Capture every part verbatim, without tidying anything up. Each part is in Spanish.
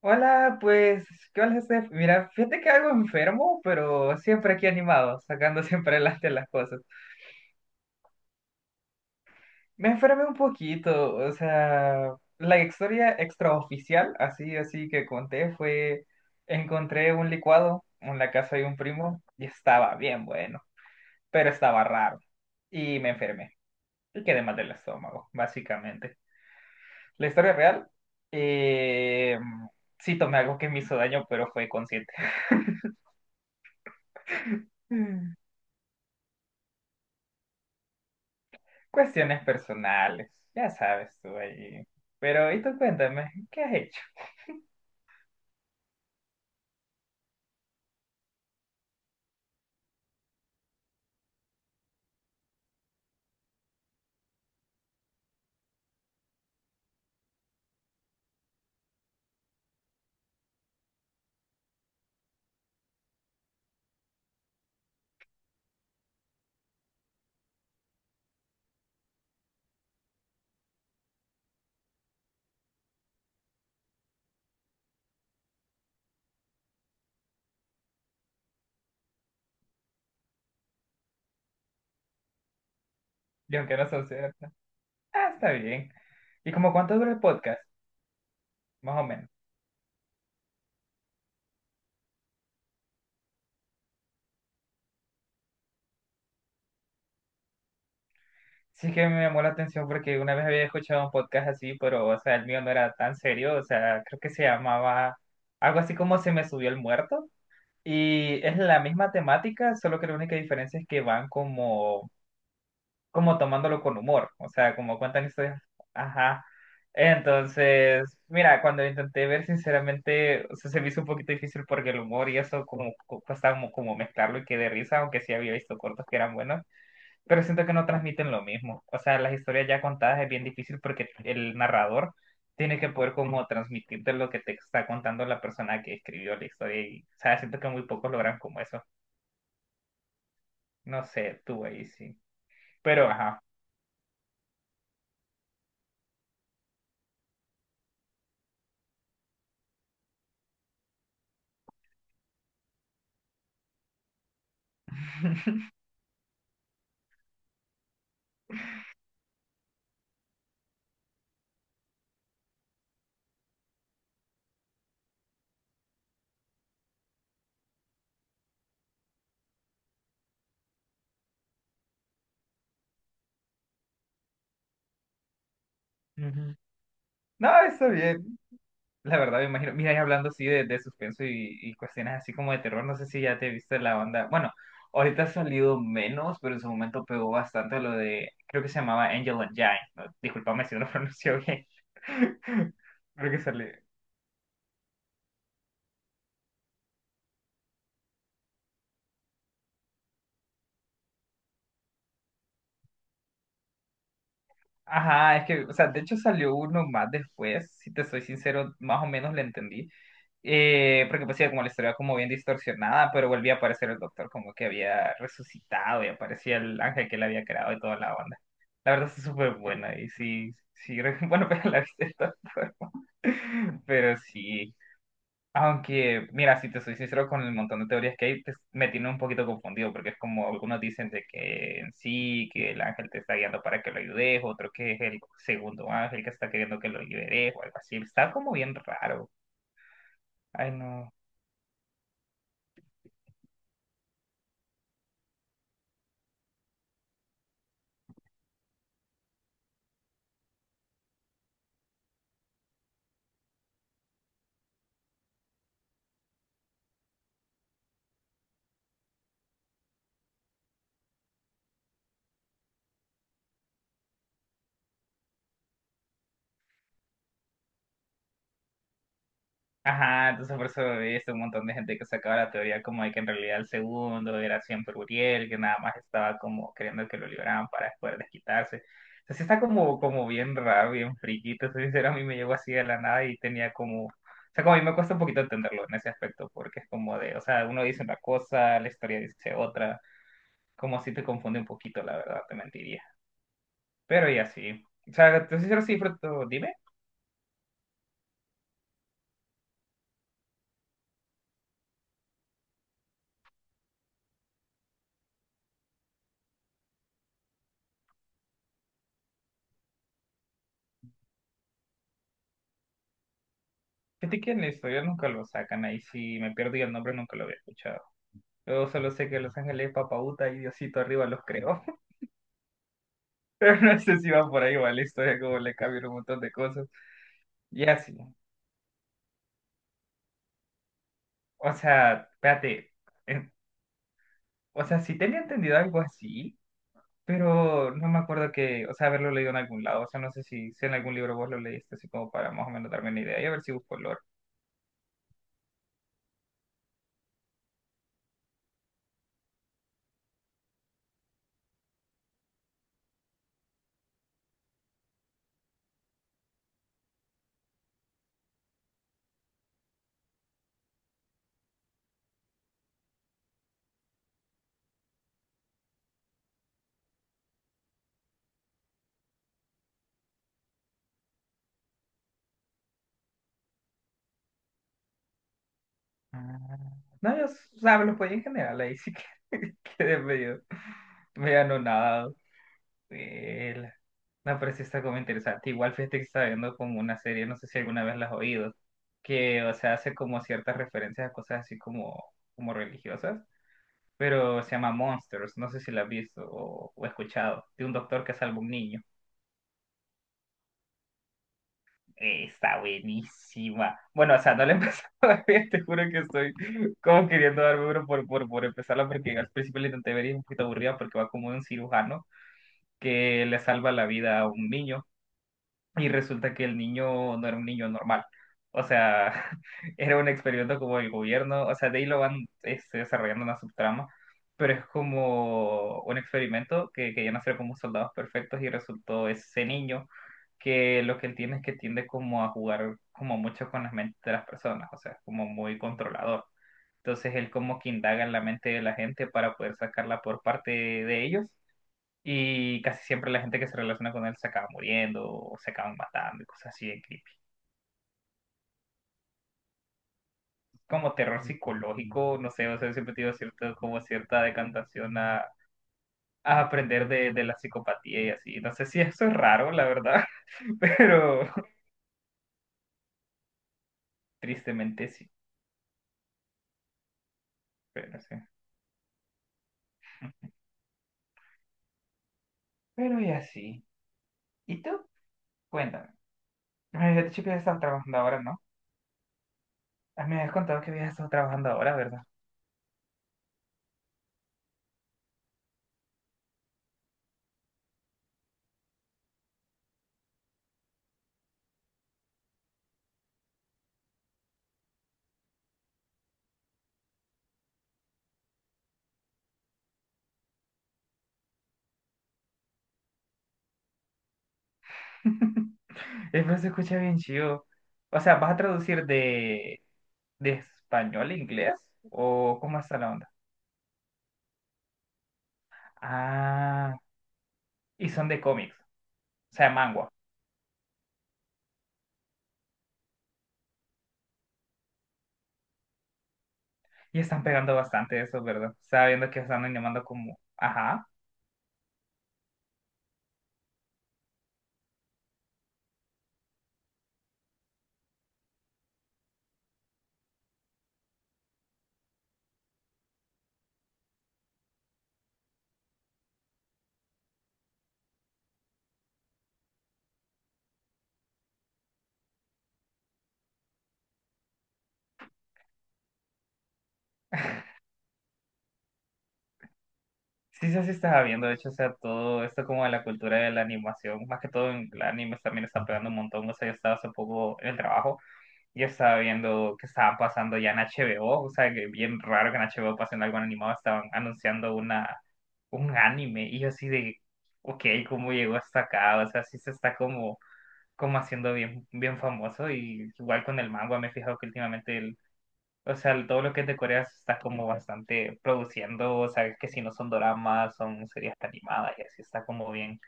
Hola, pues, ¿qué onda, Steph? Mira, fíjate que algo enfermo, pero siempre aquí animado, sacando siempre adelante las cosas. Me enfermé un poquito, o sea, la historia extraoficial, así, así que conté, fue, encontré un licuado en la casa de un primo y estaba bien bueno, pero estaba raro y me enfermé y quedé mal del estómago, básicamente. La historia real, eh, sí tomé algo que me hizo daño, pero fue consciente. Cuestiones personales, ya sabes tú ahí. Pero, ¿y tú cuéntame, qué has hecho? Y aunque no son ciertas. Ah, está bien. ¿Y como cuánto dura el podcast? Más o menos. Sí que me llamó la atención porque una vez había escuchado un podcast así, pero, o sea, el mío no era tan serio. O sea, creo que se llamaba algo así como Se me subió el muerto. Y es la misma temática, solo que la única diferencia es que van como como tomándolo con humor, o sea, como cuentan historias, ajá. Entonces, mira, cuando lo intenté ver, sinceramente, o sea, se me hizo un poquito difícil porque el humor y eso como cu- cuesta como, como mezclarlo y que de risa, aunque sí había visto cortos que eran buenos, pero siento que no transmiten lo mismo. O sea, las historias ya contadas es bien difícil porque el narrador tiene que poder como transmitirte lo que te está contando la persona que escribió la historia y, o sea, siento que muy pocos logran como eso. No sé, tú ahí sí. Pero, ajá. Ujú. No, está bien. La verdad, me imagino. Mira, y hablando así de, de suspenso y, y cuestiones así como de terror, no sé si ya te viste la banda. Bueno, ahorita ha salido menos, pero en su momento pegó bastante lo de. Creo que se llamaba Angel and Giant. ¿No? Disculpame si no lo pronunció bien. Creo que salió. Ajá, es que, o sea, de hecho salió uno más después, si te soy sincero, más o menos le entendí. Eh, porque pues sí, como la historia como bien distorsionada, pero volvía a aparecer el doctor como que había resucitado y aparecía el ángel que le había creado y toda la onda. La verdad es súper buena y sí, sí, bueno, pero la viste todo, pero sí. Aunque, mira, si te soy sincero con el montón de teorías que hay, pues, me tiene un poquito confundido, porque es como algunos dicen de que en sí, que el ángel te está guiando para que lo ayudes, otro que es el segundo ángel que está queriendo que lo liberes, o algo así. Está como bien raro. Ay, no. Ajá, entonces por eso veías un montón de gente que sacaba la teoría como de que en realidad el segundo era siempre Uriel, que nada más estaba como queriendo que lo liberaran para poder desquitarse. O sea, sí está como, como bien raro, bien friki, te soy sincero, a mí me llegó así de la nada y tenía como... O sea, como a mí me cuesta un poquito entenderlo en ese aspecto, porque es como de, o sea, uno dice una cosa, la historia dice otra, como si te confunde un poquito, la verdad, te mentiría. Pero y así. O sea, te soy sincero, sí, pero tú dime, fíjate que en la historia nunca lo sacan, ahí sí me pierdo y el nombre nunca lo había escuchado. Yo solo sé que Los Ángeles es papauta y Diosito arriba los creó. Pero no sé si va por ahí va la historia, como le cambian un montón de cosas. Y así. O sea, espérate. eh, o sea, sí tenía entendido algo así, pero no me acuerdo que, o sea, haberlo leído en algún lado. O sea, no sé si, si en algún libro vos lo leíste, así como para más o menos darme una idea y a ver si busco el lore. Ah, no, yo, s- o sea, lo podía en general, ahí sí que quedé medio, medio anonadado. Vela. No, pero sí está como interesante. Igual fíjate que estaba viendo como una serie, no sé si alguna vez la has oído, que, o sea, hace como ciertas referencias a cosas así como, como religiosas, pero se llama Monsters, no sé si la has visto o, o escuchado, de un doctor que salva un niño. Eh, Está buenísima. Bueno, o sea, no la he empezado a ver, te juro que estoy como queriendo darme uno por, por, por empezarla, porque al principio la intenté ver y es un poquito aburrida porque va como de un cirujano que le salva la vida a un niño y resulta que el niño no era un niño normal. O sea, era un experimento como el gobierno, o sea, de ahí lo van este, desarrollando una subtrama, pero es como un experimento que querían hacer como soldados perfectos y resultó ese niño que lo que él tiene es que tiende como a jugar como mucho con las mentes de las personas, o sea, es como muy controlador. Entonces él como que indaga en la mente de la gente para poder sacarla por parte de ellos y casi siempre la gente que se relaciona con él se acaba muriendo o se acaban matando y cosas así de creepy. Como terror psicológico, no sé, o sea, siempre he tenido cierto, como cierta decantación a, a aprender de, de la psicopatía y así. No sé si eso es raro, la verdad, pero tristemente sí, pero sí. Pero y así. ¿Y tú? Cuéntame. Me habías dicho que habías estado trabajando ahora, ¿no? Ah, me habías contado que habías estado trabajando ahora, ¿verdad? Eh, pero se escucha bien chido. O sea, ¿vas a traducir de, de español a inglés? ¿O cómo está la onda? Ah, y son de cómics, o sea, manga. Y están pegando bastante eso, ¿verdad? Estaba viendo que están animando como... Ajá. Sí, sí, sí, estaba viendo, de hecho, o sea, todo esto como de la cultura de la animación, más que todo en el anime también está pegando un montón, o sea, yo estaba hace poco en el trabajo. Yo estaba viendo que estaban pasando ya en H B O, o o sea, que bien raro que en H B O pasen algo animado, estaban anunciando una, un anime y yo así de, ok, ¿cómo llegó hasta acá? O sea, sí se está como, como haciendo bien, bien famoso y igual con el manga me he fijado que últimamente, el, o sea, el- todo lo que es de Corea se está como bastante produciendo, o sea, que si no son doramas, son series animadas y así está como bien,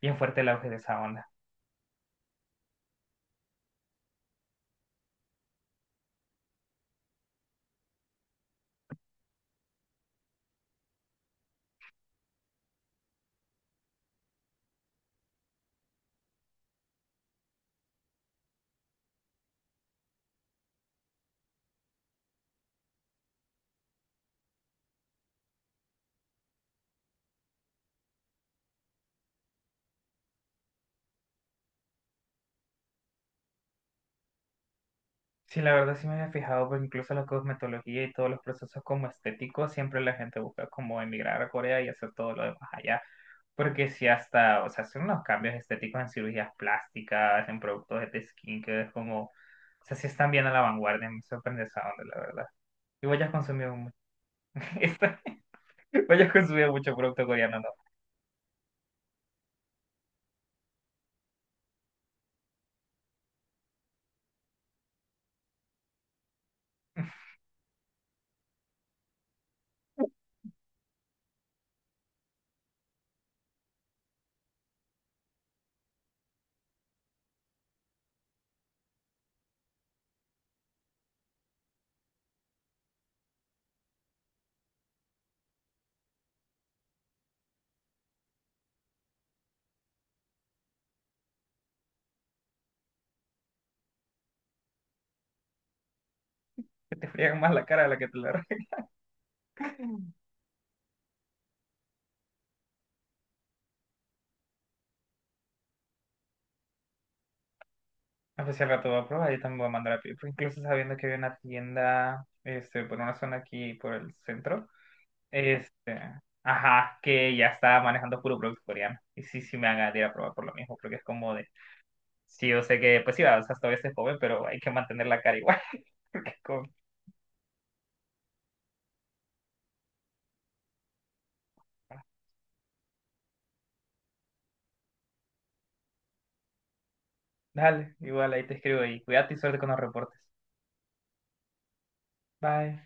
bien fuerte el auge de esa onda. Sí, la verdad sí me había fijado, porque incluso la cosmetología y todos los procesos como estéticos, siempre la gente busca como emigrar a Corea y hacer todo lo demás allá. Porque si hasta, o sea, hacen unos cambios estéticos en cirugías plásticas, en productos de skin, que es como, o sea, sí están bien a la vanguardia, me sorprende esa onda, la verdad. Y vos ya has consumido mucho, vos ya has consumido mucho producto coreano, ¿no? Que te friegan más la cara de la que te la arreglan. Ah, pues si al rato voy a probar, yo también voy a mandar a pedir, porque incluso sabiendo que había una tienda, este, por una zona aquí, por el centro, este, ajá, que ya está manejando puro producto coreano. Y sí, sí me hagan ir a probar por lo mismo, porque es como de, sí, yo sé que, pues sí, va, o sea, todavía se joven, pero hay que mantener la cara igual, porque es como, dale, igual ahí te escribo y cuídate y suerte con los reportes. Bye.